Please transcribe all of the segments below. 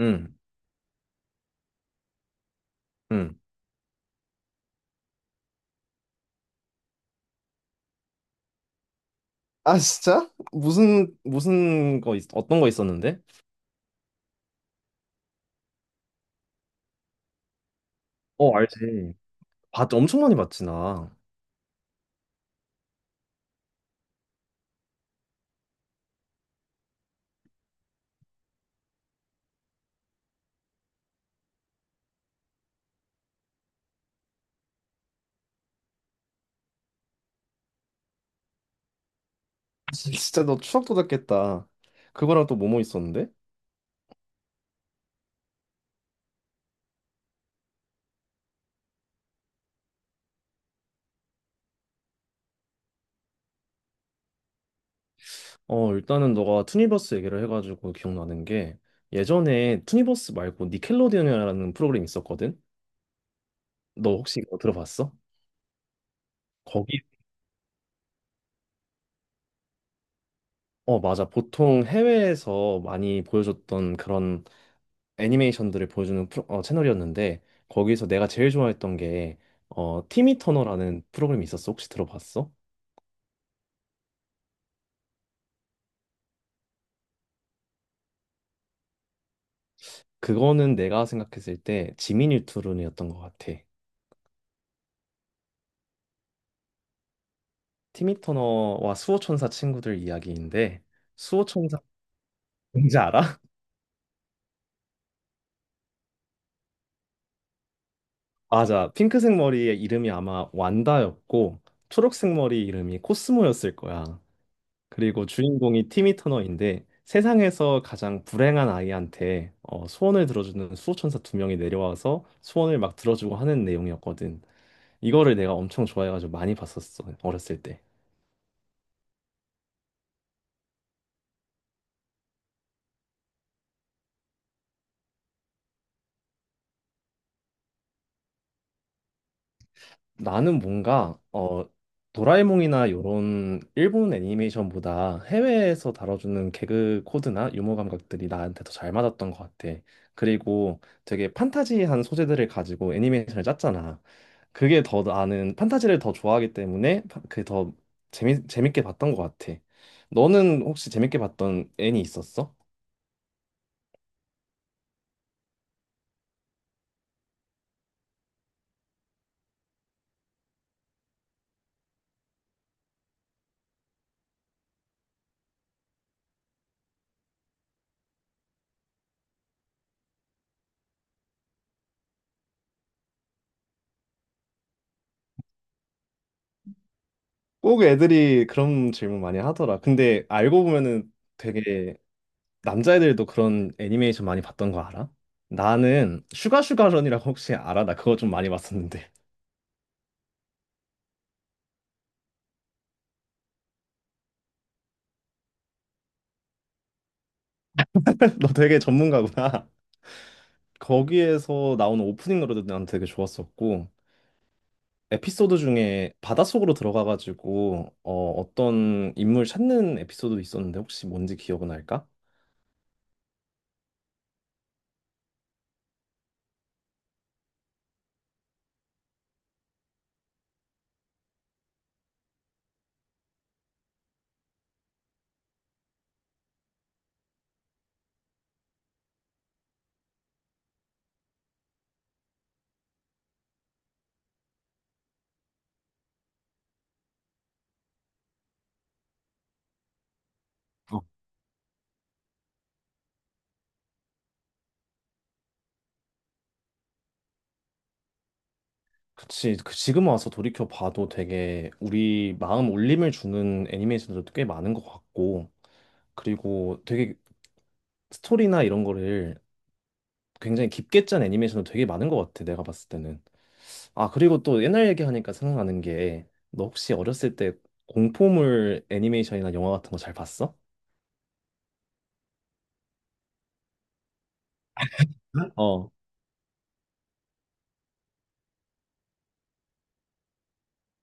응, 응. 아, 진짜? 어떤 거 있었는데? 어, 알지. 봤 엄청 많이 봤지, 나. 진짜 너 추억 돋았겠다. 그거랑 또 뭐뭐 있었는데? 어, 일단은 너가 투니버스 얘기를 해가지고 기억나는 게, 예전에 투니버스 말고 니켈로디언이라는 프로그램 있었거든? 너 혹시 이거 들어봤어? 거기, 맞아. 보통 해외에서 많이 보여줬던 그런 애니메이션들을 보여주는 채널이었는데, 거기서 내가 제일 좋아했던 게 티미 터너라는 프로그램이 있었어. 혹시 들어봤어? 그거는 내가 생각했을 때 지미 뉴트론이었던 것 같아. 티미 터너와 수호천사 친구들 이야기인데, 수호천사 뭔지 알아? 맞아. 핑크색 머리의 이름이 아마 완다였고, 초록색 머리 이름이 코스모였을 거야. 그리고 주인공이 티미 터너인데, 세상에서 가장 불행한 아이한테 소원을 들어주는 수호천사 두 명이 내려와서 소원을 막 들어주고 하는 내용이었거든. 이거를 내가 엄청 좋아해가지고 많이 봤었어, 어렸을 때. 나는 뭔가 도라에몽이나 요런 일본 애니메이션보다 해외에서 다뤄주는 개그 코드나 유머 감각들이 나한테 더 잘 맞았던 것 같아. 그리고 되게 판타지한 소재들을 가지고 애니메이션을 짰잖아. 그게 더, 나는 판타지를 더 좋아하기 때문에 그게 더 재미 재밌게 봤던 것 같아. 너는 혹시 재밌게 봤던 애니 있었어? 꼭 애들이 그런 질문 많이 하더라. 근데 알고 보면은 되게 남자애들도 그런 애니메이션 많이 봤던 거 알아? 나는 슈가슈가런이라고, 혹시 알아? 나 그거 좀 많이 봤었는데. 너 되게 전문가구나. 거기에서 나오는 오프닝 노래도 난 되게 좋았었고, 에피소드 중에 바닷속으로 들어가가지고 어, 어떤 인물 찾는 에피소드 있었는데 혹시 뭔지 기억은 날까? 어, 그치. 그 지금 와서 돌이켜 봐도 되게 우리 마음 울림을 주는 애니메이션들도 꽤 많은 것 같고, 그리고 되게 스토리나 이런 거를 굉장히 깊게 짠 애니메이션도 되게 많은 것 같아, 내가 봤을 때는. 아, 그리고 또 옛날 얘기하니까 생각나는 게, 너 혹시 어렸을 때 공포물 애니메이션이나 영화 같은 거 잘 봤어? 어.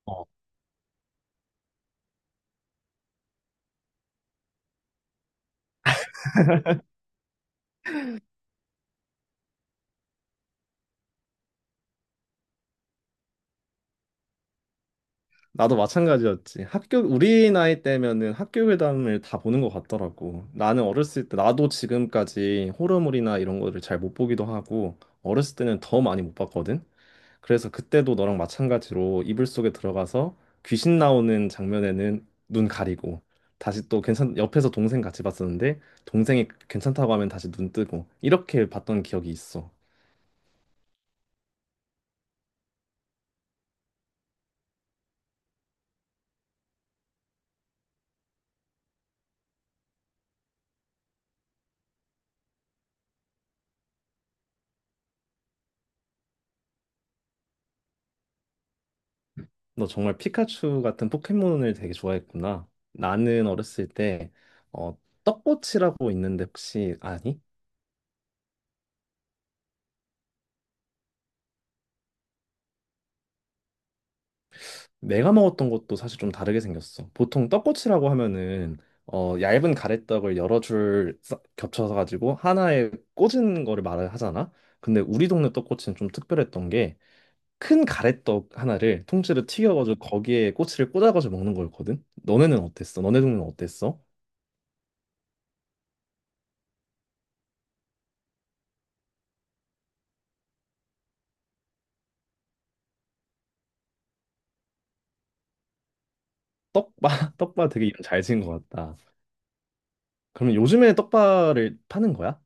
어. 나도 마찬가지였지. 우리 나이 때면은 학교 괴담을 다 보는 것 같더라고. 나도 지금까지 호러물이나 이런 거를 잘 못 보기도 하고, 어렸을 때는 더 많이 못 봤거든? 그래서 그때도 너랑 마찬가지로 이불 속에 들어가서 귀신 나오는 장면에는 눈 가리고, 다시 또 괜찮 옆에서 동생 같이 봤었는데, 동생이 괜찮다고 하면 다시 눈 뜨고 이렇게 봤던 기억이 있어. 너 정말 피카츄 같은 포켓몬을 되게 좋아했구나. 나는 어렸을 때 어, 떡꼬치라고 있는데 혹시 아니? 내가 먹었던 것도 사실 좀 다르게 생겼어. 보통 떡꼬치라고 하면은 얇은 가래떡을 여러 줄 겹쳐서 가지고 하나에 꽂은 거를 말을 하잖아. 근데 우리 동네 떡꼬치는 좀 특별했던 게, 큰 가래떡 하나를 통째로 튀겨가지고 거기에 꼬치를 꽂아가지고 먹는 거였거든. 너네는 어땠어? 너네 동네는 어땠어? 떡바. 떡바 되게 이름 잘 지은 것 같다. 그러면 요즘에 떡바를 파는 거야?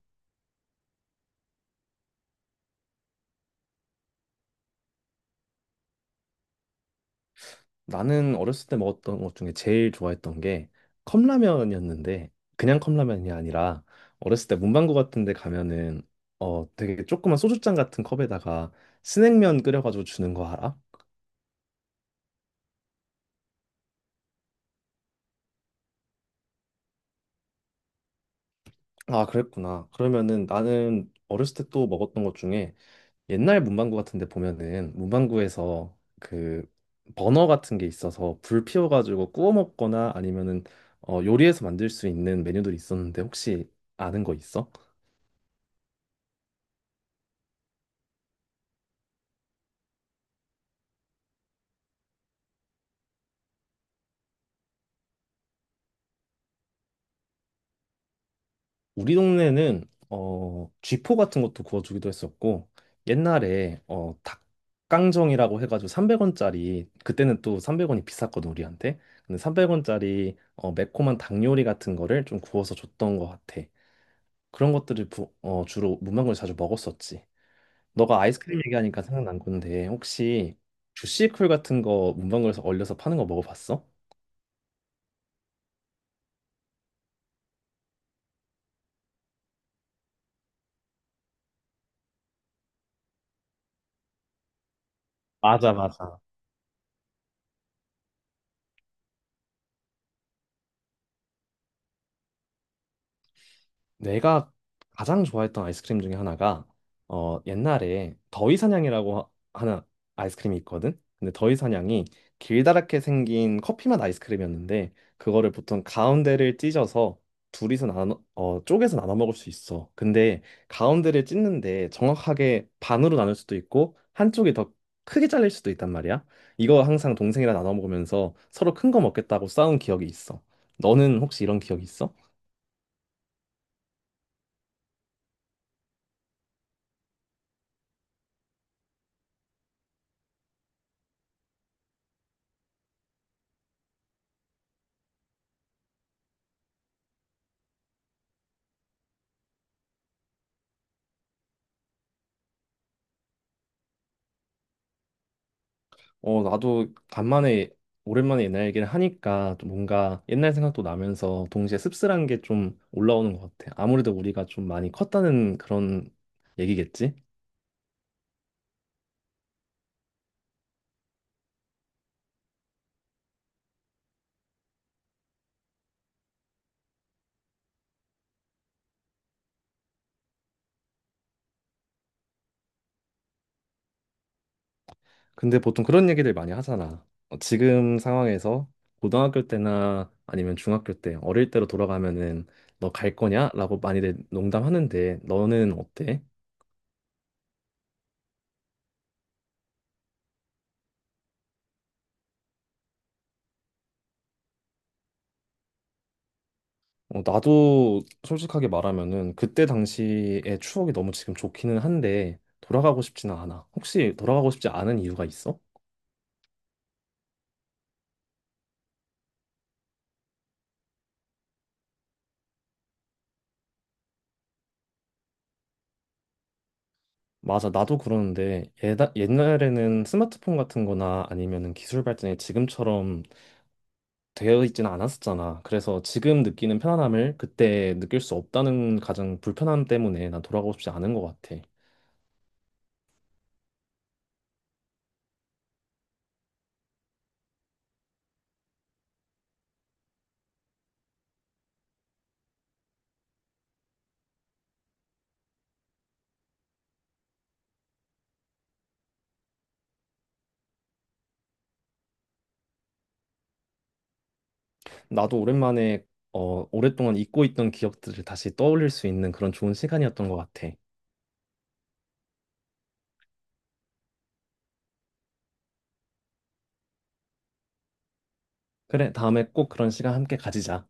나는 어렸을 때 먹었던 것 중에 제일 좋아했던 게 컵라면이었는데, 그냥 컵라면이 아니라 어렸을 때 문방구 같은 데 가면은 되게 조그만 소주잔 같은 컵에다가 스낵면 끓여가지고 주는 거 알아? 아, 그랬구나. 그러면은, 나는 어렸을 때 또 먹었던 것 중에, 옛날 문방구 같은 데 보면은 문방구에서 그 버너 같은 게 있어서 불 피워가지고 구워 먹거나 아니면은 요리해서 만들 수 있는 메뉴들이 있었는데, 혹시 아는 거 있어? 우리 동네는 쥐포 같은 것도 구워주기도 했었고, 옛날에 닭강정이라고 해가지고 300원짜리. 그때는 또 300원이 비쌌거든, 우리한테. 근데 300원짜리 매콤한 닭 요리 같은 거를 좀 구워서 줬던 것 같아. 그런 것들을 주로 문방구에 자주 먹었었지. 너가 아이스크림 얘기하니까 생각난 건데, 혹시 주시쿨 같은 거 문방구에서 얼려서 파는 거 먹어봤어? 맞아, 맞아. 내가 가장 좋아했던 아이스크림 중에 하나가 옛날에 더위사냥이라고 하는 아이스크림이 있거든. 근데 더위사냥이 길다랗게 생긴 커피맛 아이스크림이었는데, 그거를 보통 가운데를 찢어서 둘이서 나눠 어 쪼개서 나눠 먹을 수 있어. 근데 가운데를 찢는데 정확하게 반으로 나눌 수도 있고 한쪽이 더 크게 잘릴 수도 있단 말이야. 이거 항상 동생이랑 나눠 먹으면서 서로 큰 거 먹겠다고 싸운 기억이 있어. 너는 혹시 이런 기억이 있어? 어, 나도 간만에 오랜만에 옛날 얘기를 하니까 또 뭔가 옛날 생각도 나면서 동시에 씁쓸한 게 좀 올라오는 것 같아. 아무래도 우리가 좀 많이 컸다는 그런 얘기겠지? 근데 보통 그런 얘기들 많이 하잖아. 어, 지금 상황에서 고등학교 때나 아니면 중학교 때 어릴 때로 돌아가면은 너 갈 거냐? 라고 많이들 농담하는데, 너는 어때? 어, 나도 솔직하게 말하면은 그때 당시의 추억이 너무 지금 좋기는 한데 돌아가고 싶지는 않아. 혹시 돌아가고 싶지 않은 이유가 있어? 맞아, 나도 그러는데 옛날에는 스마트폰 같은 거나 아니면은 기술 발전이 지금처럼 되어 있지는 않았었잖아. 그래서 지금 느끼는 편안함을 그때 느낄 수 없다는 가장 불편함 때문에 난 돌아가고 싶지 않은 것 같아. 나도 오랜만에 오랫동안 잊고 있던 기억들을 다시 떠올릴 수 있는 그런 좋은 시간이었던 것 같아. 그래, 다음에 꼭 그런 시간 함께 가지자.